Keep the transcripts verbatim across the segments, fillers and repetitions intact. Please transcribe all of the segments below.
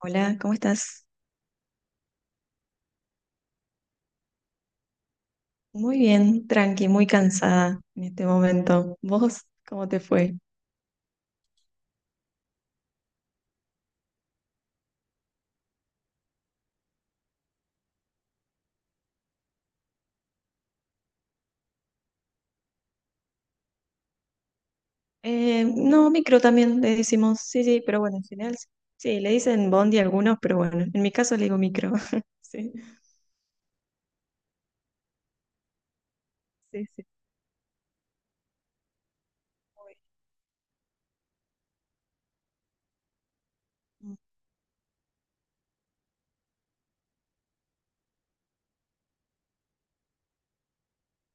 Hola, ¿cómo estás? Muy bien, tranqui, muy cansada en este momento. ¿Vos cómo te fue? Eh, no, micro también le decimos, sí, sí, pero bueno, en general sí. Sí, le dicen bondi a algunos, pero bueno, en mi caso le digo micro. Sí, sí, sí. Uy,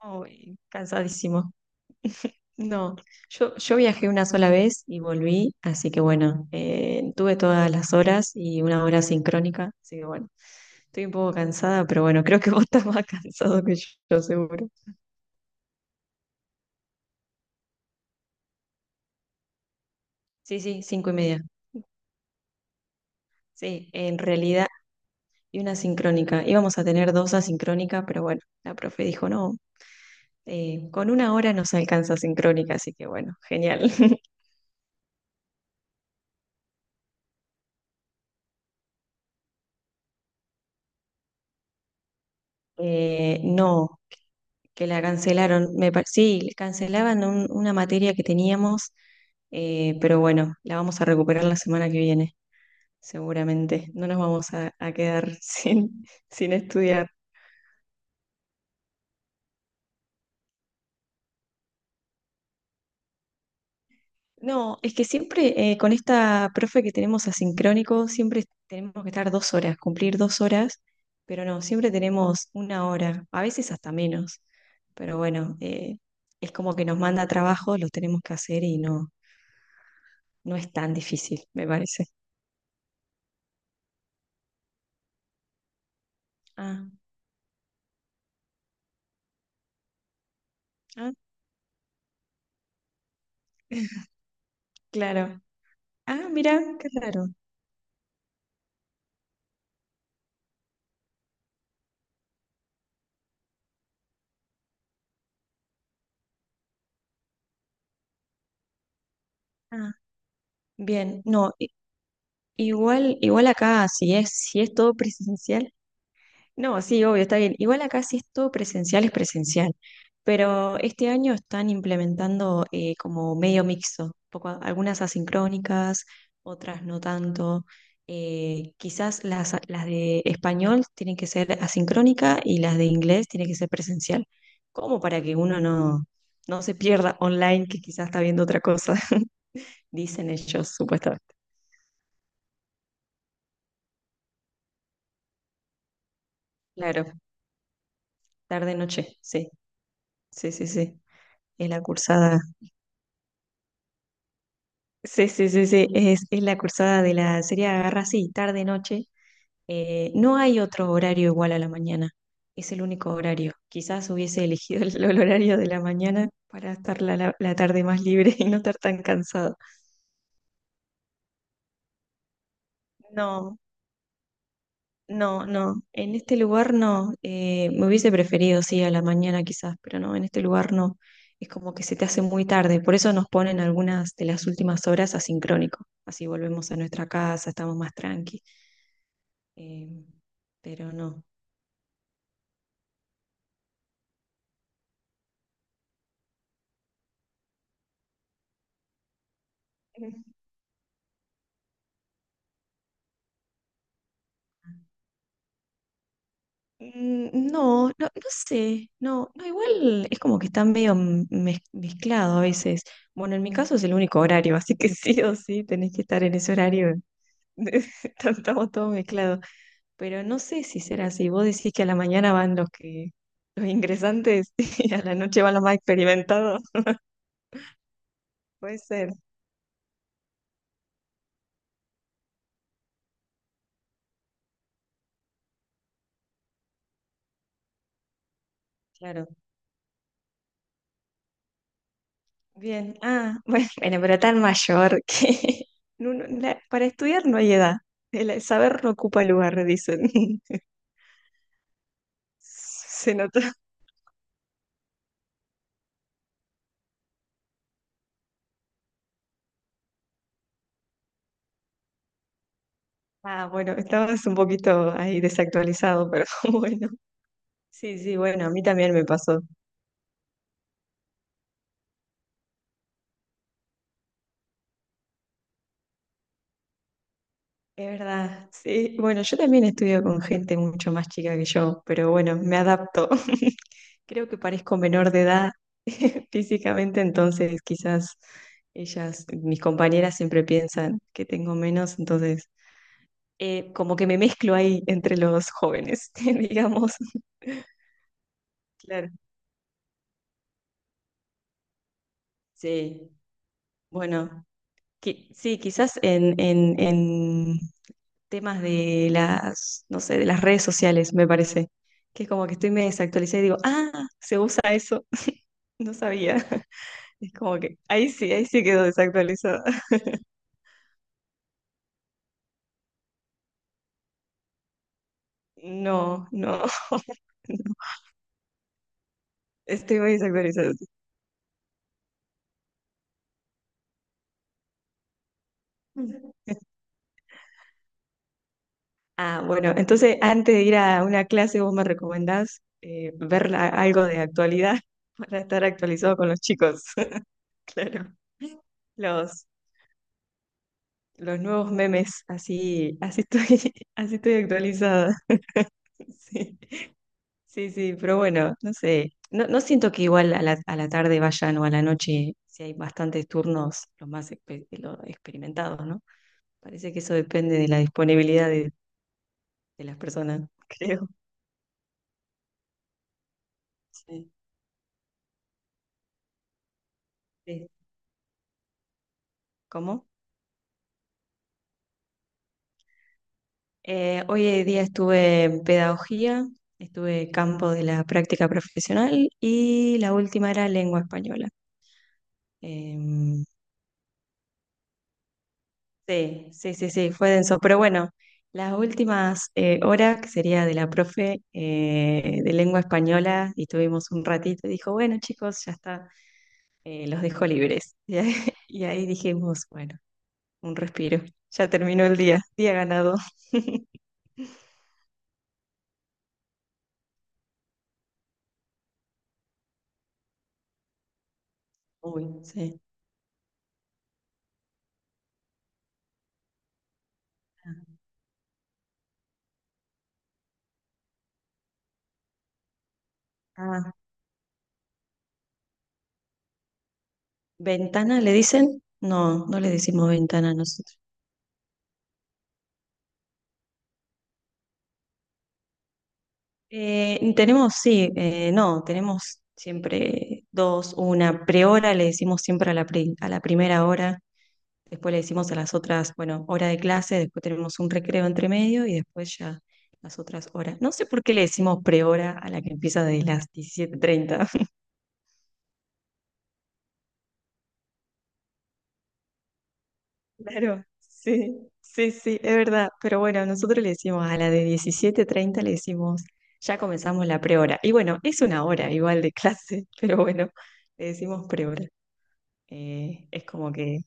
uy, cansadísimo. No, yo, yo viajé una sola vez y volví, así que bueno, eh, tuve todas las horas y una hora sincrónica, así que bueno, estoy un poco cansada, pero bueno, creo que vos estás más cansado que yo, seguro. Sí, sí, cinco y media. Sí, en realidad, y una sincrónica. Íbamos a tener dos asincrónicas, pero bueno, la profe dijo, no, eh, con una hora nos alcanza sincrónica, así que bueno, genial. Eh, no, que la cancelaron. Me, pa- sí, cancelaban un- una materia que teníamos, eh, pero bueno, la vamos a recuperar la semana que viene, seguramente. No nos vamos a, a quedar sin, sin estudiar. No, es que siempre eh, con esta profe que tenemos asincrónico, siempre tenemos que estar dos horas, cumplir dos horas, pero no, siempre tenemos una hora, a veces hasta menos. Pero bueno, eh, es como que nos manda trabajo, los tenemos que hacer y no, no es tan difícil, me parece. Ah, ah, claro. Ah, mira, qué raro. Ah, bien, no, i- igual, igual acá, si es, si es todo presencial. No, sí, obvio, está bien. Igual acá si es todo presencial, es presencial. Pero este año están implementando eh, como medio mixto, poco, algunas asincrónicas, otras no tanto. Eh, quizás las, las de español tienen que ser asincrónica y las de inglés tienen que ser presencial. Como para que uno no, no se pierda online, que quizás está viendo otra cosa, dicen ellos, supuestamente. Claro, tarde-noche, sí, sí, sí, sí. Es la cursada. Sí, sí, sí, sí, es, es la cursada de la serie Agarra así, tarde, noche. Eh, no hay otro horario igual a la mañana, es el único horario. Quizás hubiese elegido el, el horario de la mañana para estar la, la- la tarde más libre y no estar tan cansado. No, no, no, en este lugar no. Eh, me hubiese preferido, sí, a la mañana quizás, pero no, en este lugar no. Es como que se te hace muy tarde, por eso nos ponen algunas de las últimas horas asincrónico. Así volvemos a nuestra casa, estamos más tranqui. eh, pero no. Mm, Mm, no, no, no sé, no, no, igual es como que está medio m- mez- mezclado a veces. Bueno, en mi caso es el único horario, así que sí o sí tenés que estar en ese horario. Tam- Estamos todos mezclados, pero no sé si será así. Vos decís que a la mañana van los que los ingresantes y a la noche van los más experimentados. Puede ser, claro. Bien, ah, bueno, bueno, pero tan mayor que uno- la- para estudiar no hay edad. El saber no ocupa lugar, dicen. Se nota. Ah, bueno, estabas un poquito ahí desactualizado, pero bueno. Sí, sí, bueno, a mí también me pasó. Es verdad. Sí, bueno, yo también estudio con gente mucho más chica que yo, pero bueno, me adapto. Creo que parezco menor de edad físicamente, entonces quizás ellas, mis compañeras siempre piensan que tengo menos, entonces eh, como que me mezclo ahí entre los jóvenes, digamos. Claro, sí. Bueno, qui- sí, quizás en, en, en temas de las, no sé, de las redes sociales, me parece, que es como que estoy me desactualizada y digo, ah, se usa eso, no sabía. Es como que ahí sí, ahí sí quedo desactualizada. No, no, no, estoy muy desactualizado. Ah, bueno, entonces antes de ir a una clase, ¿vos me recomendás eh, ver la- algo de actualidad para estar actualizado con los chicos? Claro. Los, los nuevos memes, así, así estoy, así estoy actualizada. Sí, sí, sí, pero bueno, no sé. No, no siento que igual a la, a la tarde vayan o a la noche, si hay bastantes turnos, los más expe- los experimentados, ¿no? Parece que eso depende de la disponibilidad de de las personas, creo. Sí. Sí. ¿Cómo? Eh, hoy en día estuve en pedagogía, estuve campo de la práctica profesional y la última era lengua española. Em, sí, sí, sí, sí, fue denso, pero bueno, las últimas eh, horas, que sería de la profe eh, de lengua española, y tuvimos un ratito, dijo, bueno chicos, ya está, eh, los dejo libres. Y ahí, y ahí dijimos, bueno, un respiro, ya terminó el día, día ganado. Uy, sí. Ah, ¿ventana le dicen? No, no le decimos ventana a nosotros. Eh, tenemos, sí, eh, no, tenemos siempre dos, una prehora, le decimos siempre a la, pri- a la primera hora, después le decimos a las otras, bueno, hora de clase, después tenemos un recreo entre medio y después ya las otras horas. No sé por qué le decimos prehora a la que empieza de las diecisiete treinta. Claro, sí, sí, sí, es verdad. Pero bueno, nosotros le decimos a la de diecisiete treinta le decimos, ya comenzamos la prehora. Y bueno, es una hora igual de clase, pero bueno, le decimos prehora. Eh, es como que...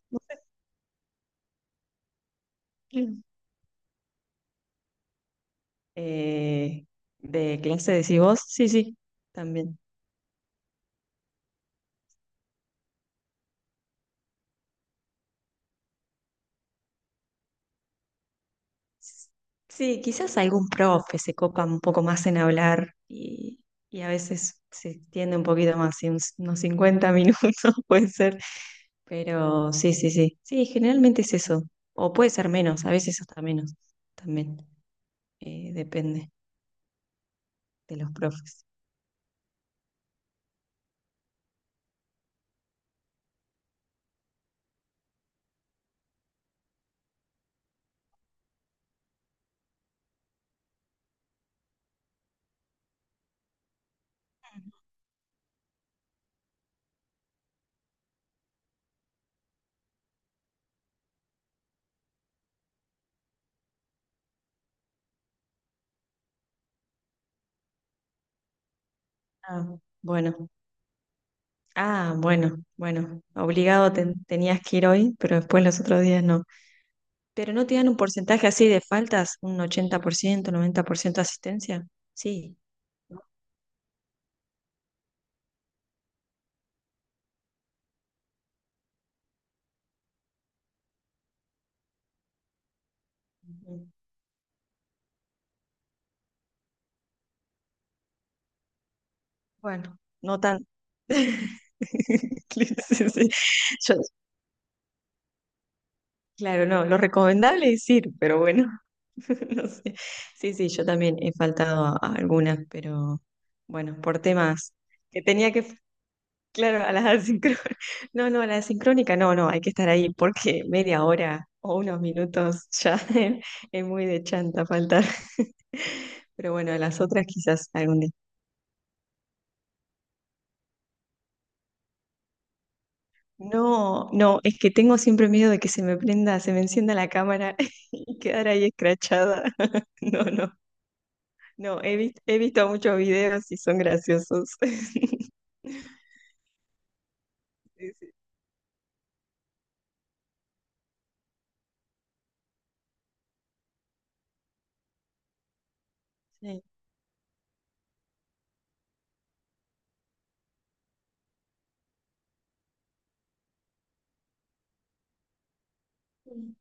Mm. eh, de clase decís vos, sí, sí, también. Sí, quizás algún profe se copa un poco más en hablar y, y a veces se extiende un poquito más, y uns- unos cincuenta minutos puede ser, pero sí, sí, sí, sí, generalmente es eso, o puede ser menos, a veces hasta menos, también eh, depende de los profes. Ah, bueno, ah, bueno, bueno, obligado ten- tenías que ir hoy, pero después los otros días no. ¿Pero no te dan un porcentaje así de faltas, un ochenta por ciento, noventa por ciento de asistencia? Sí. Ujú. Bueno, no tan. Sí, sí. sí. Yo- claro, no, lo recomendable es ir, pero bueno, no sé. Sí, sí, yo también he faltado a, a algunas, pero bueno, por temas que tenía que, claro, a las asincrónicas, no, no, a la asincrónica, no, no, hay que estar ahí porque media hora o unos minutos ya es muy de chanta faltar, pero bueno, a las otras quizás algún día. No, no, es que tengo siempre miedo de que se me prenda, se me encienda la cámara y quedar ahí escrachada. No, no, no, he visto, he visto muchos videos y son graciosos. Sí, sí. Sí.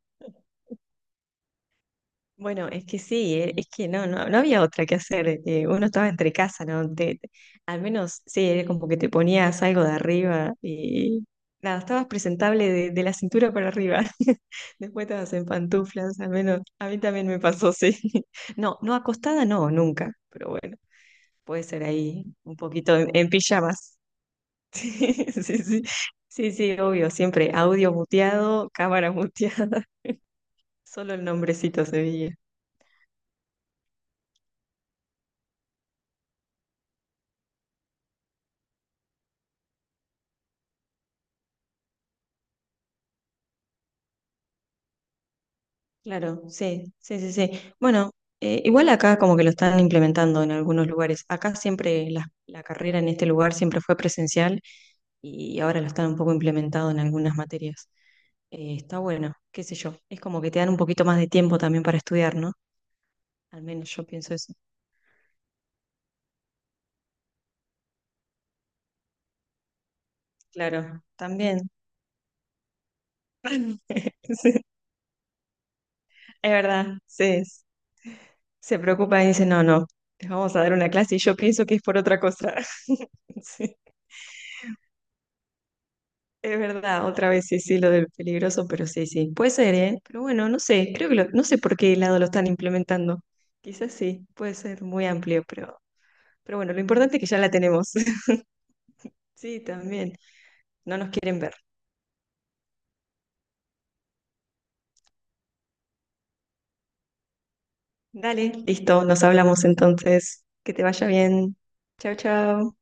Bueno, es que sí, eh, es que no, no, no había otra que hacer. eh, uno estaba entre casa, ¿no? Te- te- al menos sí, era como que te ponías algo de arriba y nada, estabas presentable de, de la cintura para arriba. Después estabas en pantuflas, al menos a mí también me pasó, sí. No, no acostada, no, nunca, pero bueno, puede ser ahí un poquito en, en pijamas. Sí, sí, sí, sí, sí, obvio, siempre audio muteado, cámara muteada, solo el nombrecito se veía. Claro, sí, sí, sí, sí. Bueno, eh, igual acá como que lo están implementando en algunos lugares. Acá siempre la, la carrera en este lugar siempre fue presencial y ahora lo están un poco implementado en algunas materias. Eh, está bueno, qué sé yo. Es como que te dan un poquito más de tiempo también para estudiar, ¿no? Al menos yo pienso eso. Claro, también. Sí, es verdad, sí. Se preocupa y dice, no, no, les vamos a dar una clase y yo pienso que es por otra cosa. Sí. Es verdad, otra vez sí, sí, lo del peligroso, pero sí, sí. Puede ser, ¿eh? Pero bueno, no sé, creo que lo- no sé por qué lado lo están implementando. Quizás sí, puede ser muy amplio, pero, pero bueno, lo importante es que ya la tenemos. Sí, también, no nos quieren ver. Dale, listo, nos hablamos entonces. Que te vaya bien. Chao, chao.